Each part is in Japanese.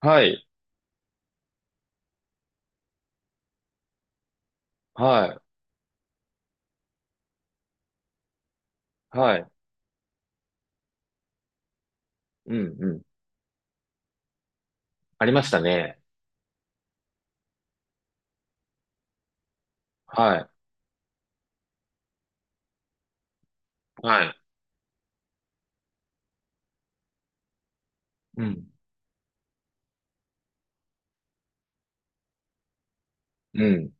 はい、はい、はい、うん、うん。ありましたね。はい、はい、うん、うん、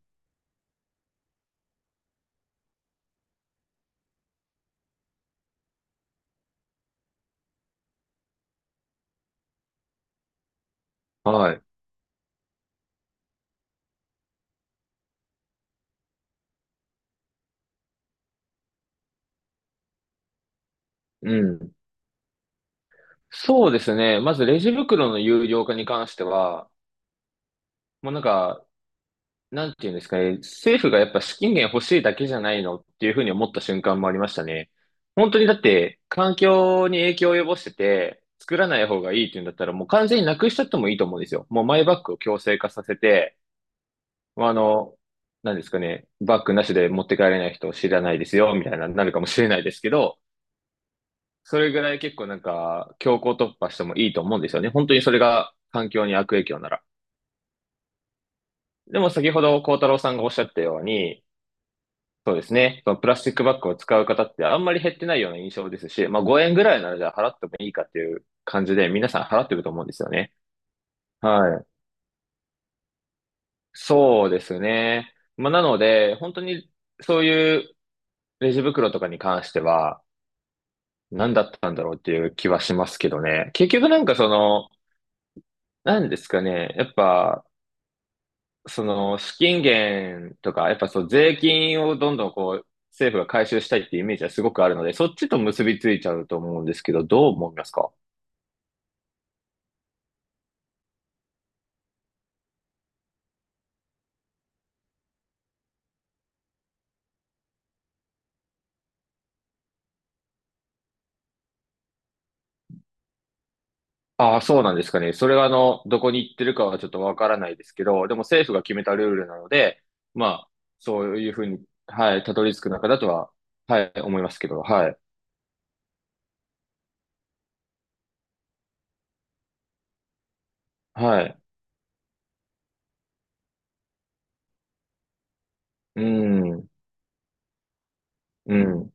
はい、うん。そうですね。まずレジ袋の有料化に関しては、もうなんか、なんていうんですかね、政府がやっぱ資金源欲しいだけじゃないのっていうふうに思った瞬間もありましたね。本当にだって、環境に影響を及ぼしてて、作らない方がいいっていうんだったら、もう完全になくしちゃってもいいと思うんですよ。もうマイバッグを強制化させて、まあ、何ですかね、バッグなしで持って帰れない人を知らないですよ、みたいな、なるかもしれないですけど、それぐらい結構なんか、強行突破してもいいと思うんですよね。本当にそれが環境に悪影響なら。でも先ほど幸太郎さんがおっしゃったように、そうですね、そのプラスチックバッグを使う方ってあんまり減ってないような印象ですし、まあ5円ぐらいならじゃあ払ってもいいかっていう感じで皆さん払ってると思うんですよね。はい。そうですね。まあなので、本当にそういうレジ袋とかに関しては、何だったんだろうっていう気はしますけどね。結局なんか何ですかね。やっぱ、その資金源とか、やっぱそう税金をどんどんこう、政府が回収したいっていうイメージはすごくあるので、そっちと結びついちゃうと思うんですけど、どう思いますか？ああ、そうなんですかね。それはどこに行ってるかはちょっとわからないですけど、でも政府が決めたルールなので、まあ、そういうふうに、はい、たどり着く中だとは、はい、思いますけど、はい、はい、うん、うん、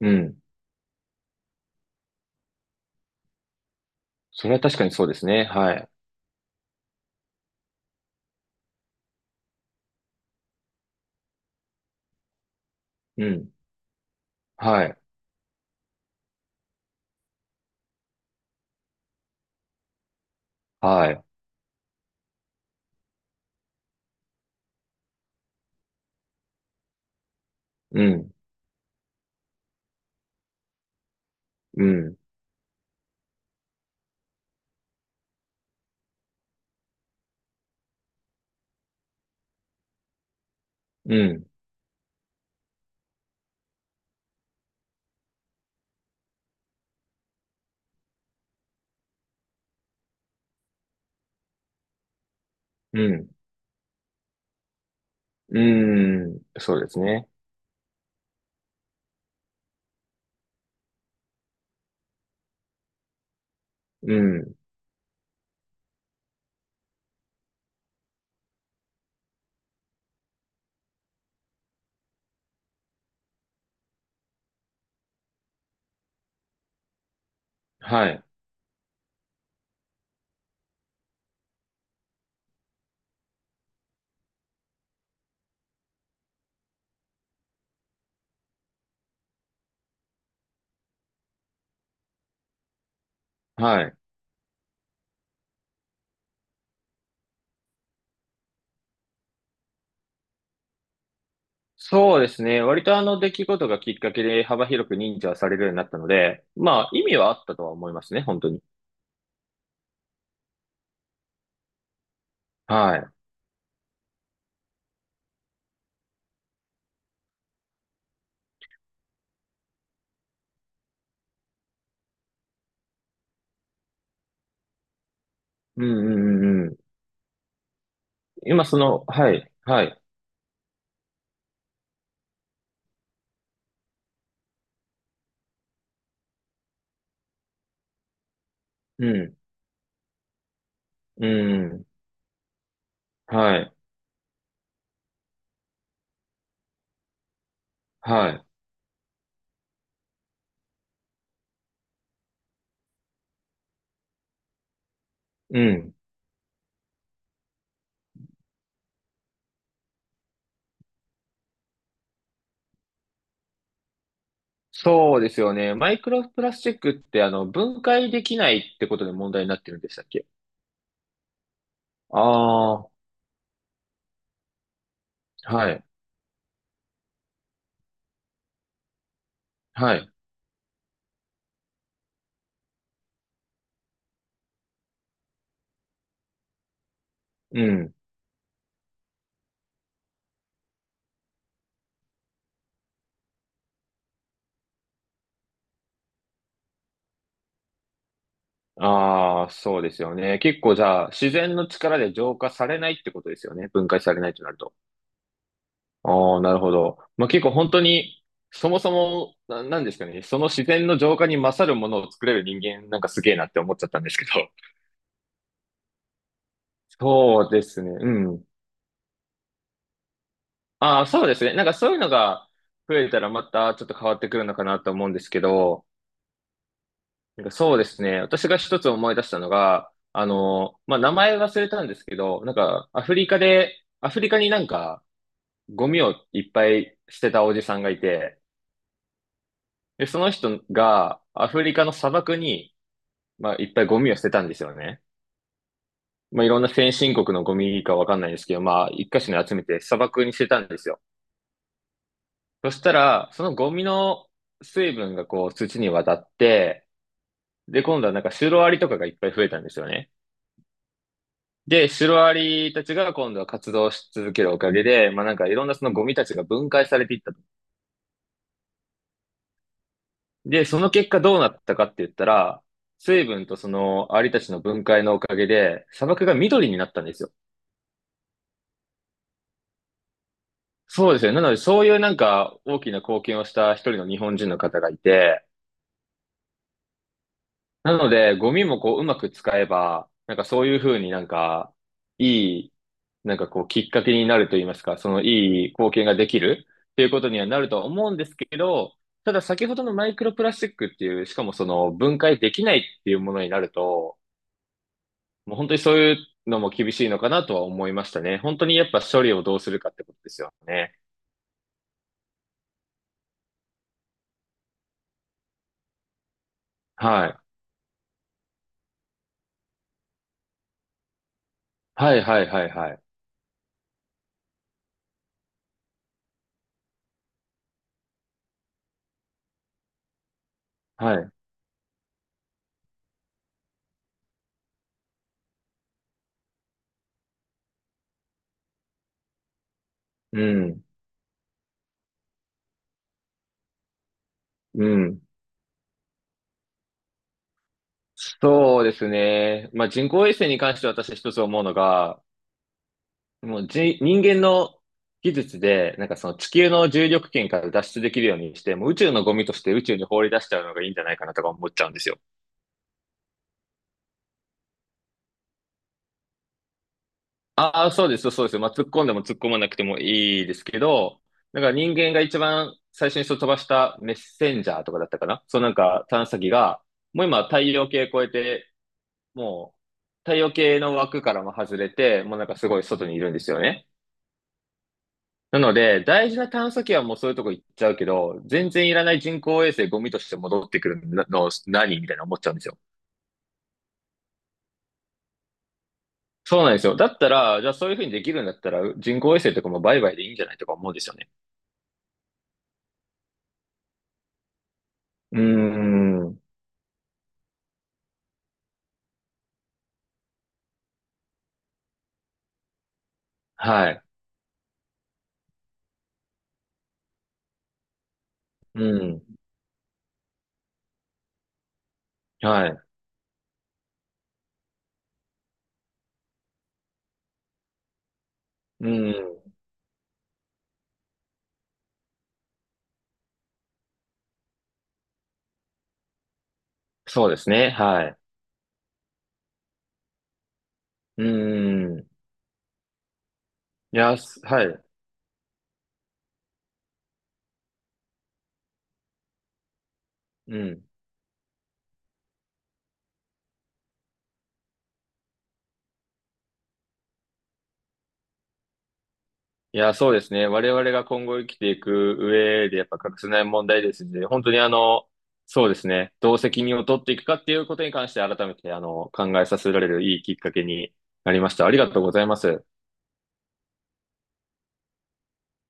うん。それは確かにそうですね。はい。うん。はい。はい。うん。うん。うん。うん。うん。そうですね。うん。はい。はい。そうですね。割とあの出来事がきっかけで幅広く認知はされるようになったので、まあ意味はあったとは思いますね、本当に。はい。うんうんうんうん。今その、はい、はい。うん、うん、はい、はい。うん。そうですよね。マイクロプラスチックってあの分解できないってことで問題になってるんでしたっけ？ああ、はい、はい、うん。ああ、そうですよね。結構じゃあ、自然の力で浄化されないってことですよね。分解されないとなると。ああ、なるほど。まあ結構本当に、そもそも、なんですかね。その自然の浄化に勝るものを作れる人間、なんかすげえなって思っちゃったんですけど。そうですね。うん。ああ、そうですね。なんかそういうのが増えたらまたちょっと変わってくるのかなと思うんですけど、なんかそうですね。私が一つ思い出したのが、まあ、名前忘れたんですけど、なんか、アフリカになんか、ゴミをいっぱい捨てたおじさんがいて、で、その人が、アフリカの砂漠に、まあ、いっぱいゴミを捨てたんですよね。まあ、いろんな先進国のゴミかわかんないですけど、まあ、一箇所に集めて砂漠に捨てたんですよ。そしたら、そのゴミの水分がこう、土に渡って、で、今度はなんか、シロアリとかがいっぱい増えたんですよね。で、シロアリたちが今度は活動し続けるおかげで、まあなんかいろんなそのゴミたちが分解されていったと。で、その結果どうなったかって言ったら、水分とそのアリたちの分解のおかげで、砂漠が緑になったんですよ。そうですよね。なので、そういうなんか大きな貢献をした一人の日本人の方がいて、なので、ゴミもこう、うまく使えば、なんかそういうふうになんか、いい、なんかこう、きっかけになると言いますか、そのいい貢献ができるっていうことにはなるとは思うんですけど、ただ先ほどのマイクロプラスチックっていう、しかもその分解できないっていうものになると、もう本当にそういうのも厳しいのかなとは思いましたね。本当にやっぱ処理をどうするかってことですよね。はい。はいはいはいはい。はい。うん。うん。そうですね。まあ、人工衛星に関して私は一つ思うのが、もうじ、人間の技術で、なんかその地球の重力圏から脱出できるようにして、もう宇宙のゴミとして宇宙に放り出しちゃうのがいいんじゃないかなとか思っちゃうんですよ。ああ、そうです、そうです。まあ、突っ込んでも突っ込まなくてもいいですけど、なんか人間が一番最初にそう飛ばしたメッセンジャーとかだったかな。そうなんか探査機が、もう今太陽系越えて、もう太陽系の枠からも外れて、もうなんかすごい外にいるんですよね。なので、大事な探査機はもうそういうとこ行っちゃうけど、全然いらない人工衛星ゴミとして戻ってくるの何みたいな思っちゃうんですよ。そうなんですよ。だったら、じゃあそういうふうにできるんだったら、人工衛星とかも売買でいいんじゃないとか思うんですよね。うーん。はい。うん。はい。うん。そうですね。はい。うん。いや、はい。うん。いや、そうですね。我々が今後生きていく上でやっぱ欠かせない問題ですので、本当にそうですね。どう責任を取っていくかっていうことに関して改めて考えさせられるいいきっかけになりました。ありがとうございます。